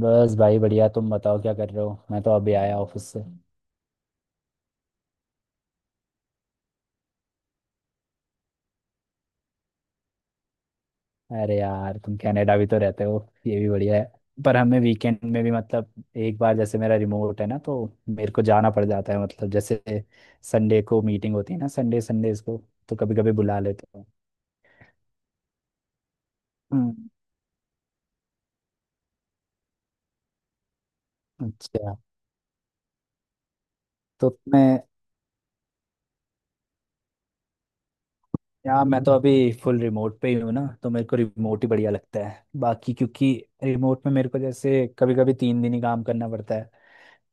बस भाई बढ़िया। तुम बताओ क्या कर रहे हो? मैं तो अभी आया ऑफिस से। अरे यार, तुम कनाडा भी तो रहते हो। ये भी बढ़िया है। पर हमें वीकेंड में भी मतलब एक बार जैसे मेरा रिमोट है ना, तो मेरे को जाना पड़ जाता है। मतलब जैसे संडे को मीटिंग होती है ना, संडे संडेज को, तो कभी कभी बुला लेते हो। हम्म, अच्छा। तो मैं यार, मैं तो अभी फुल रिमोट पे ही हूँ ना, तो मेरे को रिमोट ही बढ़िया लगता है। बाकी क्योंकि रिमोट में मेरे को जैसे कभी कभी 3 दिन ही काम करना पड़ता है।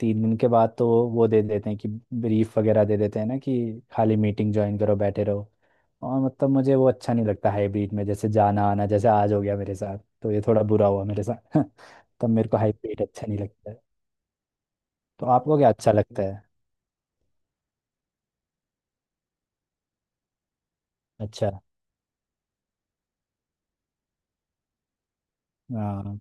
3 दिन के बाद तो वो दे देते हैं कि ब्रीफ वगैरह दे देते हैं ना, कि खाली मीटिंग ज्वाइन करो, बैठे रहो। और मतलब मुझे वो अच्छा नहीं लगता हाइब्रिड में, जैसे जाना आना, जैसे आज हो गया मेरे साथ। तो ये थोड़ा बुरा हुआ मेरे साथ तब मेरे को हाइब्रिड अच्छा नहीं लगता है। तो आपको क्या अच्छा लगता है? अच्छा। हाँ।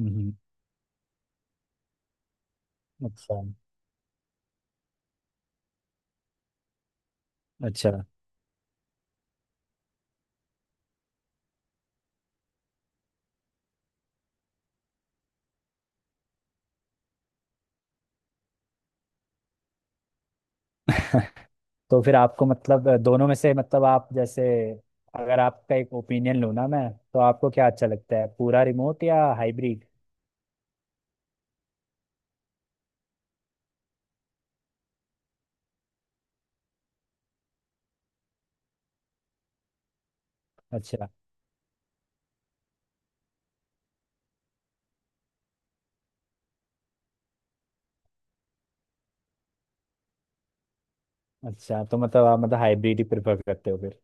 हम्म, अच्छा, अच्छा तो फिर आपको मतलब दोनों में से, मतलब आप जैसे अगर आपका एक ओपिनियन लूँ ना मैं, तो आपको क्या अच्छा लगता है, पूरा रिमोट या हाइब्रिड? अच्छा। अच्छा तो मतलब आप मतलब हाइब्रिड ही प्रेफर करते हो फिर?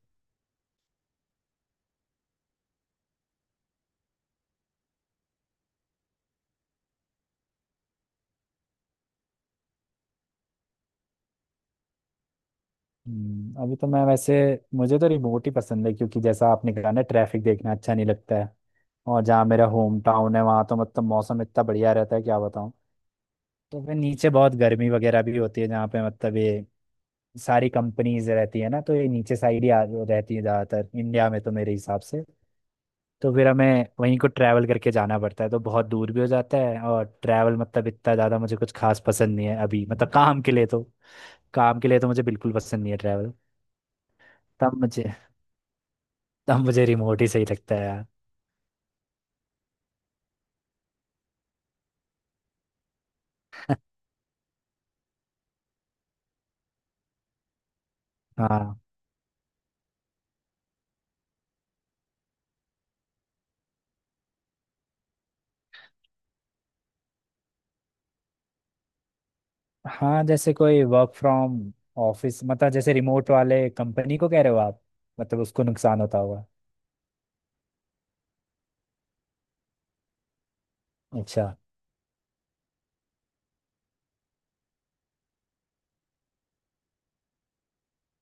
अभी तो मैं वैसे, मुझे तो रिमोट ही पसंद है, क्योंकि जैसा आपने कहा ना, ट्रैफिक देखना अच्छा नहीं लगता है। और जहाँ मेरा होम टाउन है वहाँ तो मतलब मौसम इतना बढ़िया रहता है, क्या बताऊँ। तो फिर नीचे बहुत गर्मी वगैरह भी होती है जहाँ पे मतलब ये सारी कंपनीज रहती है ना, तो ये नीचे साइड ही रहती है ज़्यादातर इंडिया में, तो मेरे हिसाब से। तो फिर हमें वहीं को ट्रैवल करके जाना पड़ता है, तो बहुत दूर भी हो जाता है, और ट्रैवल मतलब इतना ज़्यादा मुझे कुछ खास पसंद नहीं है अभी मतलब काम के लिए तो काम के लिए तो मुझे बिल्कुल पसंद नहीं है ट्रैवल। तब मुझे तब मुझे रिमोट ही सही लगता है यार। हाँ, हाँ, जैसे कोई वर्क फ्रॉम ऑफिस, मतलब जैसे रिमोट वाले कंपनी को कह रहे हो आप, मतलब उसको नुकसान होता होगा। अच्छा,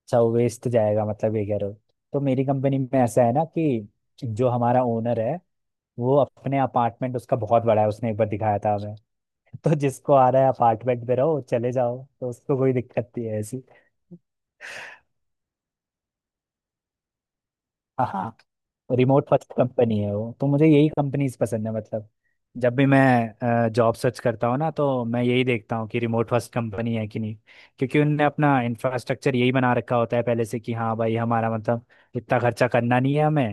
अच्छा, वेस्ट जाएगा, मतलब ये कह रहे हो। तो मेरी कंपनी में ऐसा है ना, कि जो हमारा ओनर है, वो अपने अपार्टमेंट उसका बहुत बड़ा है, उसने एक बार दिखाया था हमें तो जिसको आ रहा है अपार्टमेंट पे रहो चले जाओ, तो उसको कोई दिक्कत नहीं है ऐसी। हाँ, हाँ, रिमोट फर्स्ट कंपनी है वो, तो मुझे यही कंपनीज पसंद है मतलब। जब भी मैं जॉब सर्च करता हूँ ना, तो मैं यही देखता हूँ कि रिमोट फर्स्ट कंपनी है कि नहीं। क्योंकि उनने अपना इंफ्रास्ट्रक्चर यही बना रखा होता है पहले से, कि हाँ भाई, हमारा मतलब इतना खर्चा करना नहीं है हमें।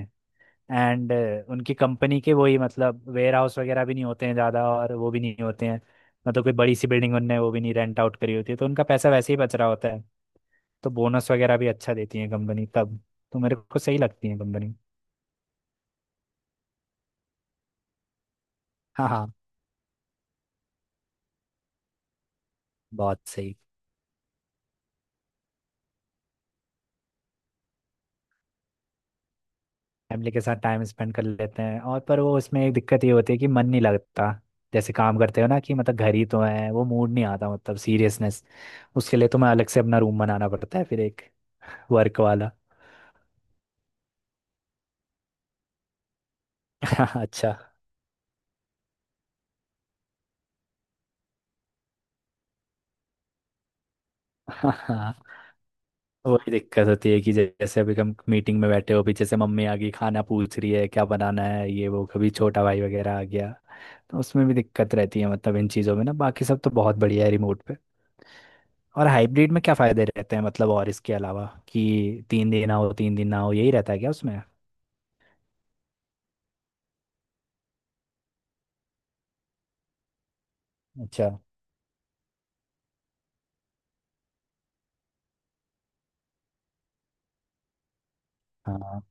एंड उनकी कंपनी के वही, मतलब वेयर हाउस वगैरह भी नहीं होते हैं ज़्यादा, और वो भी नहीं होते हैं मतलब कोई बड़ी सी बिल्डिंग उनने, वो भी नहीं रेंट आउट करी होती है, तो उनका पैसा वैसे ही बच रहा होता है। तो बोनस वगैरह भी अच्छा देती है कंपनी तब, तो मेरे को सही लगती है कंपनी। हाँ, हाँ, बहुत सही। फैमिली के साथ टाइम स्पेंड कर लेते हैं, और पर वो उसमें एक दिक्कत ये होती है कि मन नहीं लगता। जैसे काम करते हो ना, कि मतलब घर ही तो है, वो मूड नहीं आता, मतलब सीरियसनेस। उसके लिए तो मैं अलग से अपना रूम बनाना पड़ता है फिर, एक वर्क वाला। अच्छा। हाँ, वही दिक्कत होती है, कि जैसे अभी हम मीटिंग में बैठे हो, पीछे से मम्मी आ गई, खाना पूछ रही है क्या बनाना है, ये वो, कभी छोटा भाई वगैरह आ गया। तो उसमें भी दिक्कत रहती है, मतलब इन चीज़ों में ना, बाकी सब तो बहुत बढ़िया है रिमोट। और हाइब्रिड में क्या फायदे रहते हैं मतलब, और इसके अलावा कि 3 दिन आओ 3 दिन ना हो, यही रहता है क्या उसमें? अच्छा। हाँ,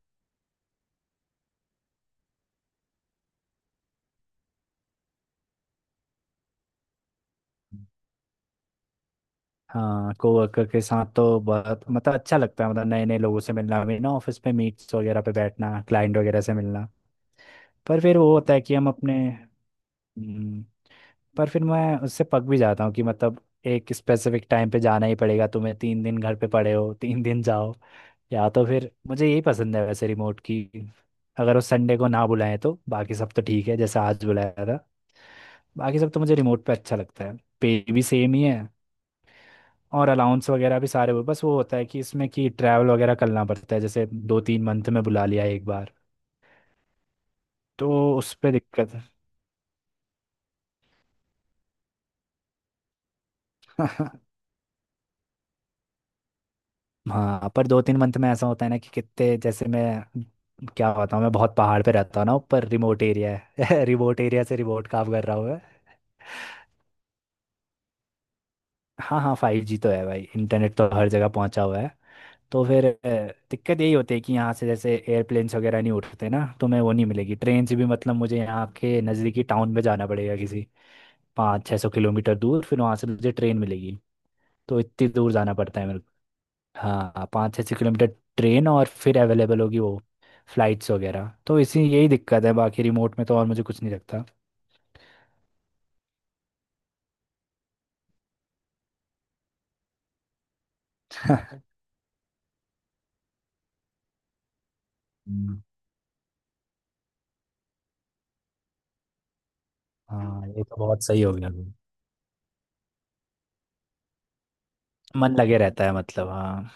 हाँ, कोवर्कर के साथ तो बहुत मतलब अच्छा लगता है, मतलब नए नए लोगों से मिलना मिलना ऑफिस पे, मीट्स वगैरह पे बैठना, क्लाइंट वगैरह से मिलना। पर फिर वो होता है कि हम अपने हम्म, पर फिर मैं उससे पक भी जाता हूँ, कि मतलब एक स्पेसिफिक टाइम पे जाना ही पड़ेगा तुम्हें, 3 दिन घर पे पड़े हो 3 दिन जाओ। या तो फिर मुझे यही पसंद है वैसे रिमोट की, अगर वो संडे को ना बुलाएं तो बाकी सब तो ठीक है, जैसे आज बुलाया था, बाकी सब तो मुझे रिमोट पे अच्छा लगता है। पे भी सेम ही है, और अलाउंस वगैरह भी सारे वो, बस वो होता है कि इसमें कि ट्रैवल वगैरह करना पड़ता है, जैसे 2-3 मंथ में बुला लिया एक बार, तो उस पर दिक्कत है हाँ, पर 2-3 मंथ में ऐसा होता है ना कि कितने, जैसे मैं क्या होता हूँ, मैं बहुत पहाड़ पे रहता हूँ ना, ऊपर रिमोट एरिया है रिमोट एरिया से रिमोट काम कर रहा हूँ मैं। हाँ, हाँ, 5G तो है भाई, इंटरनेट तो हर जगह पहुंचा हुआ है। तो फिर दिक्कत यही होती है कि यहाँ से जैसे एयरप्लेन्स वगैरह नहीं उठते ना, तो मैं वो नहीं मिलेगी, ट्रेन से भी मतलब मुझे यहाँ के नज़दीकी टाउन में जाना पड़ेगा किसी, 500-600 किलोमीटर दूर, फिर वहाँ से मुझे ट्रेन मिलेगी। तो इतनी दूर जाना पड़ता है मेरे। हाँ, 5 से 6 किलोमीटर ट्रेन, और फिर अवेलेबल होगी वो, फ्लाइट्स वगैरह। तो इसी यही दिक्कत है बाकी रिमोट में, तो और मुझे कुछ नहीं लगता हम्म, हाँ, ये तो बहुत सही हो गया भाई। मन लगे रहता है मतलब, हाँ।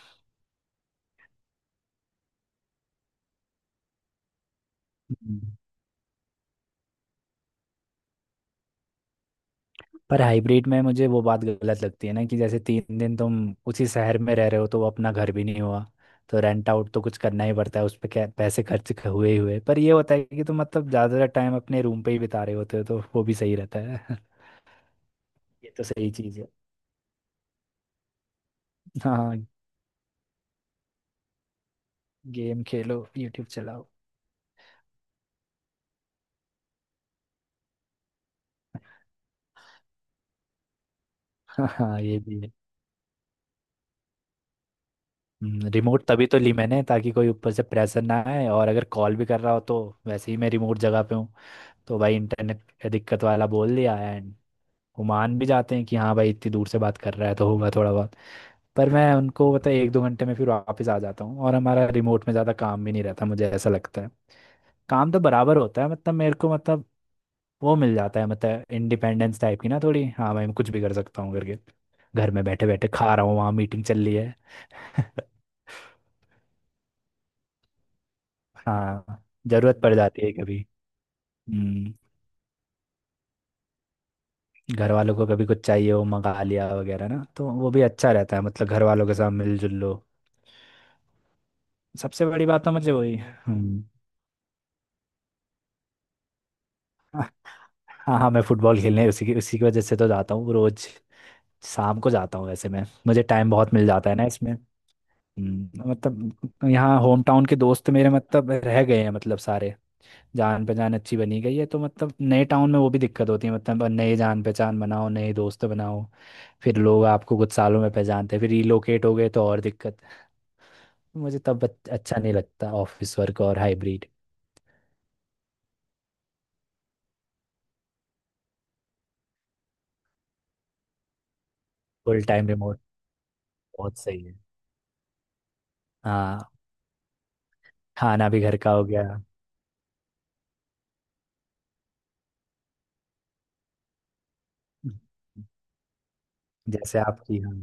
हम्म। पर हाइब्रिड में मुझे वो बात गलत लगती है ना, कि जैसे 3 दिन तुम उसी शहर में रह रहे हो, तो वो अपना घर भी नहीं हुआ। तो रेंट आउट तो कुछ करना ही पड़ता है उस पे, क्या पैसे खर्च हुए ही हुए। पर ये होता है कि तुम मतलब ज़्यादातर टाइम अपने रूम पे ही बिता रहे होते हो, तो वो भी सही रहता है। ये तो सही चीज़ है। हाँ, गेम खेलो, यूट्यूब चलाओ हाँ, ये भी है। रिमोट तभी तो ली मैंने, ताकि कोई ऊपर से प्रेशर ना आए, और अगर कॉल भी कर रहा हो तो वैसे ही मैं रिमोट जगह पे हूँ, तो भाई इंटरनेट का दिक्कत वाला बोल दिया। एंड वो मान भी जाते हैं कि हाँ भाई, इतनी दूर से बात कर रहा है तो होगा थोड़ा बहुत। पर मैं उनको पता है, 1-2 घंटे में फिर वापस आ जाता हूँ, और हमारा रिमोट में ज़्यादा काम भी नहीं रहता, मुझे ऐसा लगता है। काम तो बराबर होता है मतलब मेरे को, मतलब वो मिल जाता है मतलब इंडिपेंडेंस टाइप की ना थोड़ी, हाँ भाई मैं कुछ भी कर सकता हूँ करके। घर में बैठे बैठे खा रहा हूँ, वहाँ मीटिंग चल रही है हाँ, जरूरत पड़ जाती है कभी। हम्म। घर वालों को कभी कुछ चाहिए हो, मंगा लिया वगैरह ना, तो वो भी अच्छा रहता है मतलब घर वालों के साथ मिलजुल लो। सबसे बड़ी बात तो मुझे वही, हम्म। हाँ, हाँ, मैं फुटबॉल खेलने उसी की वजह से तो जाता हूँ रोज शाम को जाता हूँ वैसे मैं, मुझे टाइम बहुत मिल जाता है ना इसमें। मतलब यहाँ होम टाउन के दोस्त मेरे मतलब रह गए हैं मतलब सारे, जान पहचान अच्छी बनी गई है। तो मतलब नए टाउन में वो भी दिक्कत होती है, मतलब नए जान पहचान बनाओ, नए दोस्त बनाओ, फिर लोग आपको कुछ सालों में पहचानते हैं, फिर रिलोकेट हो गए तो और दिक्कत है। मुझे तब अच्छा नहीं लगता ऑफिस वर्क और हाइब्रिड। फुल टाइम रिमोट बहुत सही है। हाँ, खाना भी घर का हो गया। जैसे आपकी, हाँ,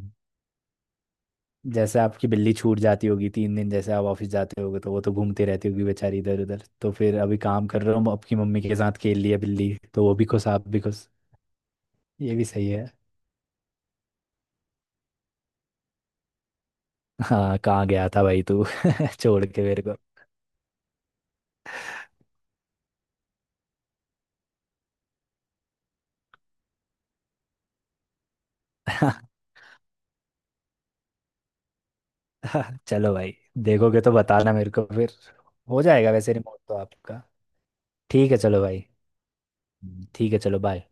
जैसे आपकी बिल्ली छूट जाती होगी 3 दिन, जैसे आप ऑफिस जाते होगे तो वो तो घूमती रहती होगी बेचारी इधर उधर, तो फिर अभी काम कर रहा हूँ, आपकी मम्मी के साथ खेल लिया बिल्ली, तो वो भी खुश, आप भी खुश। ये भी सही है। हाँ, कहाँ गया था भाई तू छोड़ के मेरे को। चलो भाई, देखोगे तो बताना मेरे को फिर। हो जाएगा वैसे रिमोट तो आपका। ठीक है चलो भाई। ठीक है, चलो बाय।